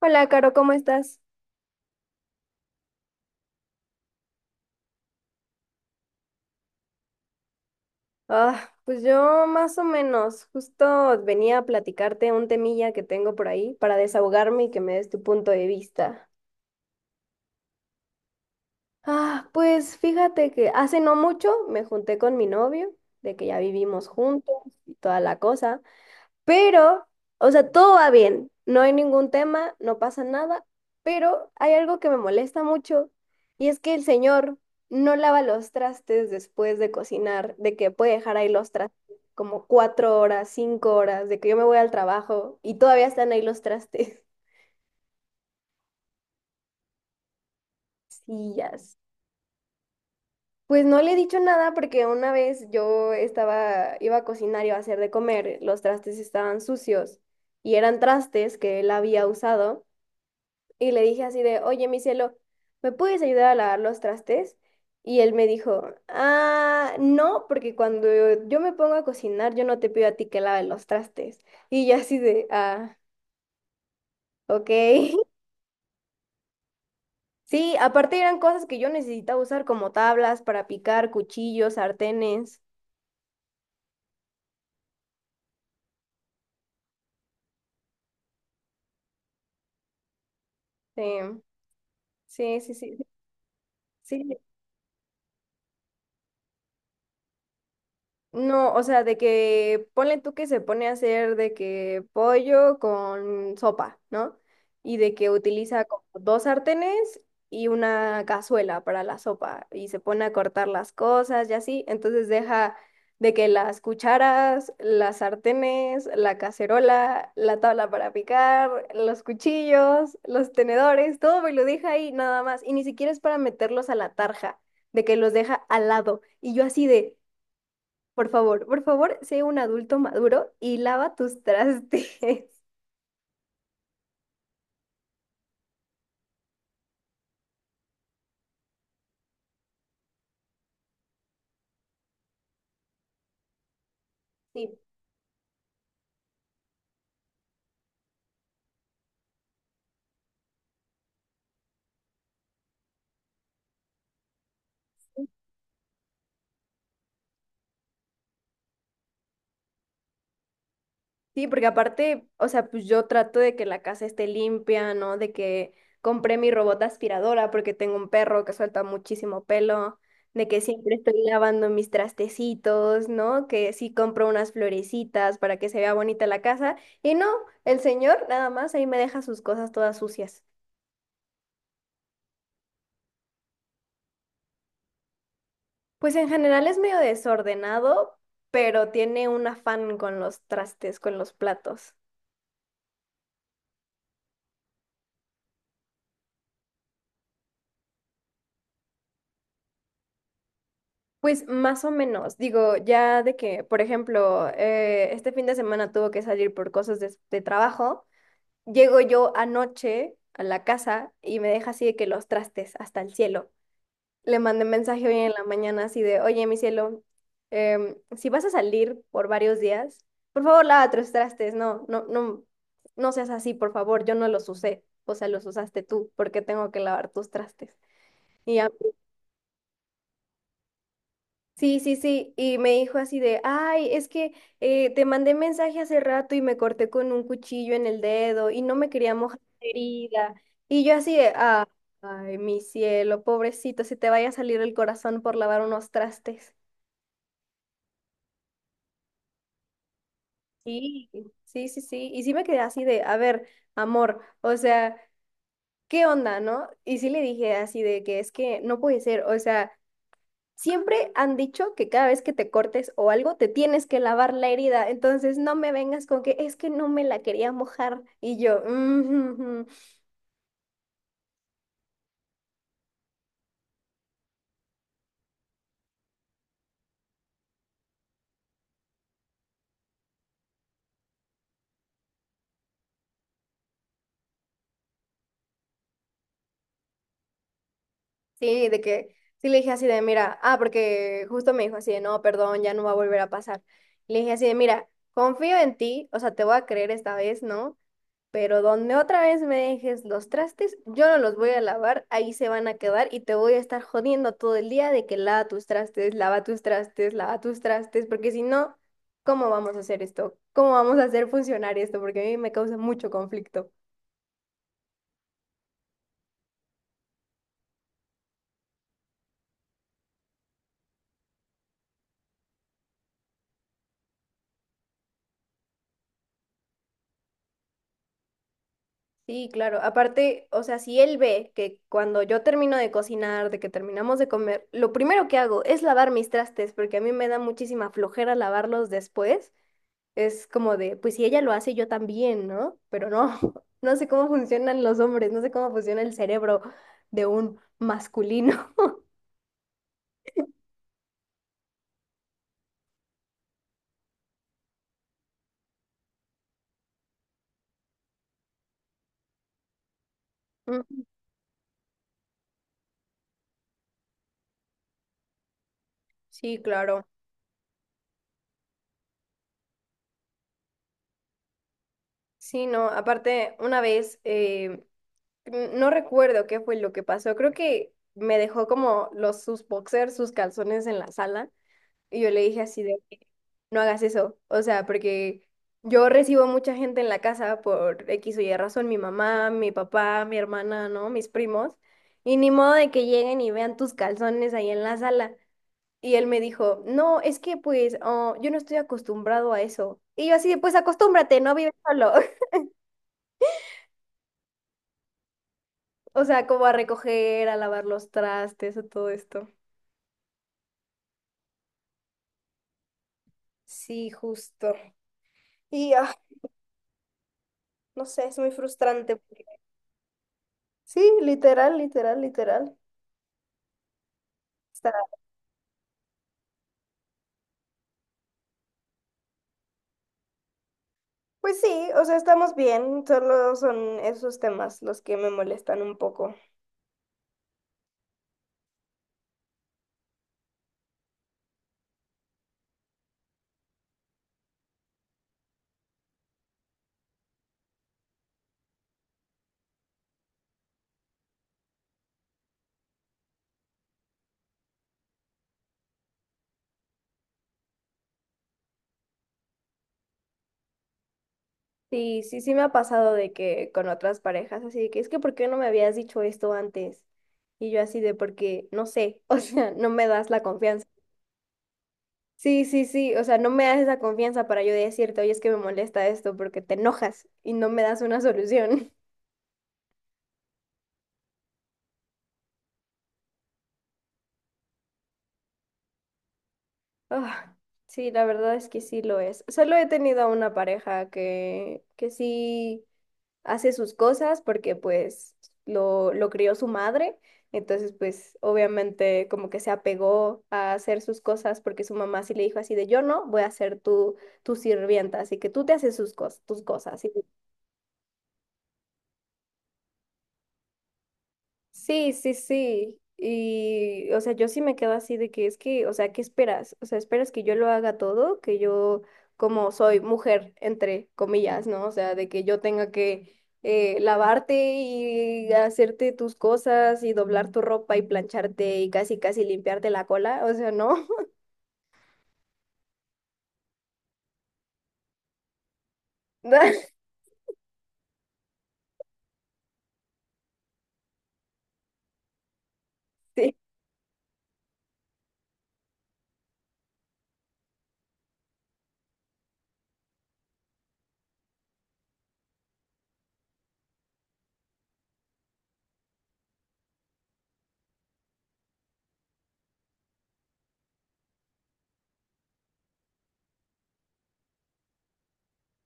Hola, Caro, ¿cómo estás? Ah, pues yo más o menos, justo venía a platicarte un temilla que tengo por ahí para desahogarme y que me des tu punto de vista. Ah, pues fíjate que hace no mucho me junté con mi novio, de que ya vivimos juntos y toda la cosa. Pero, o sea, todo va bien, no hay ningún tema, no pasa nada, pero hay algo que me molesta mucho y es que el señor no lava los trastes después de cocinar, de que puede dejar ahí los trastes como cuatro horas, cinco horas, de que yo me voy al trabajo y todavía están ahí los trastes. Sí, ya sé. Pues no le he dicho nada porque una vez yo estaba, iba a cocinar, iba a hacer de comer, los trastes estaban sucios y eran trastes que él había usado. Y le dije así de, oye, mi cielo, ¿me puedes ayudar a lavar los trastes? Y él me dijo, ah, no, porque cuando yo me pongo a cocinar, yo no te pido a ti que laves los trastes. Y yo así de, ah, ok. Sí, aparte eran cosas que yo necesitaba usar como tablas para picar, cuchillos, sartenes. em, Sí, sí, sí, sí. Sí, no, o sea, de que ponle tú que se pone a hacer de que pollo con sopa, ¿no? Y de que utiliza como dos sartenes y una cazuela para la sopa y se pone a cortar las cosas y así. Entonces deja de que las cucharas, las sartenes, la cacerola, la tabla para picar, los cuchillos, los tenedores, todo me lo deja ahí nada más. Y ni siquiera es para meterlos a la tarja, de que los deja al lado. Y yo así de... por favor, sé un adulto maduro y lava tus trastes. Sí. Sí, porque aparte, o sea, pues yo trato de que la casa esté limpia, ¿no? De que compré mi robot aspiradora porque tengo un perro que suelta muchísimo pelo, de que siempre estoy lavando mis trastecitos, ¿no? Que sí compro unas florecitas para que se vea bonita la casa. Y no, el señor nada más ahí me deja sus cosas todas sucias. Pues en general es medio desordenado, pero tiene un afán con los trastes, con los platos. Pues más o menos, digo, ya de que, por ejemplo, este fin de semana tuvo que salir por cosas de trabajo, llego yo anoche a la casa y me deja así de que los trastes hasta el cielo. Le mandé mensaje hoy en la mañana así de, oye, mi cielo, si vas a salir por varios días, por favor, lava tus trastes, no, no, no, no seas así, por favor, yo no los usé, o sea, los usaste tú, porque tengo que lavar tus trastes. Y ya, sí, sí, sí, y me dijo así de, ay, es que te mandé mensaje hace rato y me corté con un cuchillo en el dedo y no me quería mojar la herida. Y yo así de, ah, ay, mi cielo, pobrecito, si te vaya a salir el corazón por lavar unos trastes. Sí, sí, sí, sí. Y sí me quedé así de, a ver, amor, o sea, ¿qué onda, no? Y sí le dije así de que es que no puede ser, o sea, siempre han dicho que cada vez que te cortes o algo, te tienes que lavar la herida, entonces no me vengas con que es que no me la quería mojar. Y yo, "Mm, ujú, ujú". Sí, de que, sí le dije así de, mira, ah, porque justo me dijo así de, no, perdón, ya no va a volver a pasar. Le dije así de, mira, confío en ti, o sea, te voy a creer esta vez, ¿no? Pero donde otra vez me dejes los trastes, yo no los voy a lavar, ahí se van a quedar y te voy a estar jodiendo todo el día de que lava tus trastes, lava tus trastes, lava tus trastes, porque si no, ¿cómo vamos a hacer esto? ¿Cómo vamos a hacer funcionar esto? Porque a mí me causa mucho conflicto. Sí, claro. Aparte, o sea, si él ve que cuando yo termino de cocinar, de que terminamos de comer, lo primero que hago es lavar mis trastes, porque a mí me da muchísima flojera lavarlos después. Es como de, pues si ella lo hace, yo también, ¿no? Pero no, no sé cómo funcionan los hombres, no sé cómo funciona el cerebro de un masculino. Mm, sí, claro. Sí, no, aparte, una vez, no recuerdo qué fue lo que pasó, creo que me dejó como los, sus boxers, sus calzones en la sala. Y yo le dije así de, no hagas eso, o sea, porque yo recibo mucha gente en la casa por X o Y razón, mi mamá, mi papá, mi hermana, ¿no? Mis primos, y ni modo de que lleguen y vean tus calzones ahí en la sala. Y él me dijo, no, es que pues oh, yo no estoy acostumbrado a eso. Y yo así de, pues acostúmbrate, no vives solo. O sea, como a recoger, a lavar los trastes, a todo esto. Sí, justo. Y ah, no sé, es muy frustrante. Porque... Sí, literal, literal, literal. Está... Pues sí, o sea, estamos bien, solo son esos temas los que me molestan un poco. Sí, sí, sí me ha pasado de que con otras parejas, así de que es que ¿por qué no me habías dicho esto antes? Y yo así de porque no sé, o sea, no me das la confianza. Sí, sí, sí, o sea, no me das esa confianza para yo decirte, oye, es que me molesta esto porque te enojas y no me das una solución. Ah, sí, la verdad es que sí lo es. Solo he tenido a una pareja que sí hace sus cosas porque pues lo crió su madre, entonces pues obviamente como que se apegó a hacer sus cosas porque su mamá sí le dijo así de yo no voy a ser tu, tu sirvienta, así que tú te haces tus cosas. Sí, sí, sí. Y, o sea, yo sí me quedo así de que es que, o sea, ¿qué esperas? O sea, ¿esperas que yo lo haga todo? Que yo, como soy mujer, entre comillas, ¿no? O sea, de que yo tenga que lavarte y hacerte tus cosas y doblar tu ropa y plancharte y casi, casi limpiarte la cola. O sea, ¿no? Sí,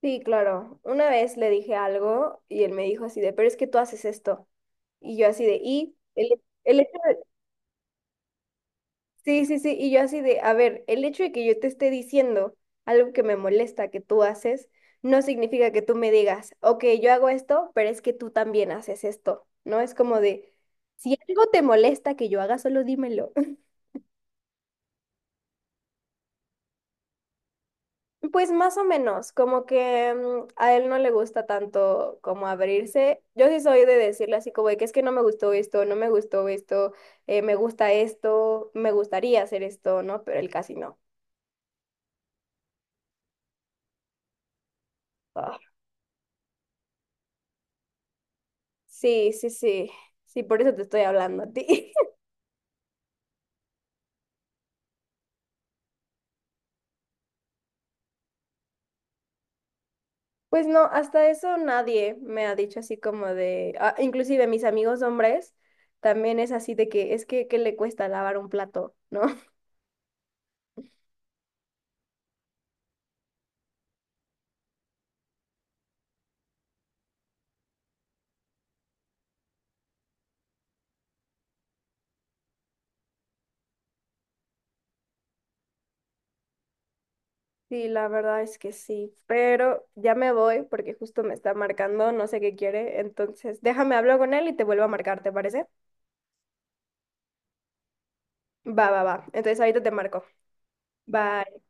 sí, claro. Una vez le dije algo y él me dijo así de, pero es que tú haces esto. Y yo así de, y él... Sí, sí, sí, y yo así de, a ver, el hecho de que yo te esté diciendo algo que me molesta que tú haces, no significa que tú me digas, ok, yo hago esto, pero es que tú también haces esto, ¿no? Es como de, si algo te molesta que yo haga, solo dímelo. Pues más o menos, como que mm, a él no le gusta tanto como abrirse. Yo sí soy de decirle así como de que es que no me gustó esto, no me gustó esto, me gusta esto, me gustaría hacer esto, ¿no? Pero él casi no. Ah. Sí, sí, sí. Sí, por eso te estoy hablando a ti. Pues no, hasta eso nadie me ha dicho así como de, ah, inclusive mis amigos hombres también es así de que es que ¿qué le cuesta lavar un plato, ¿no? Sí, la verdad es que sí, pero ya me voy porque justo me está marcando, no sé qué quiere, entonces déjame hablar con él y te vuelvo a marcar, ¿te parece? Va, va, va. Entonces ahorita te marco. Bye.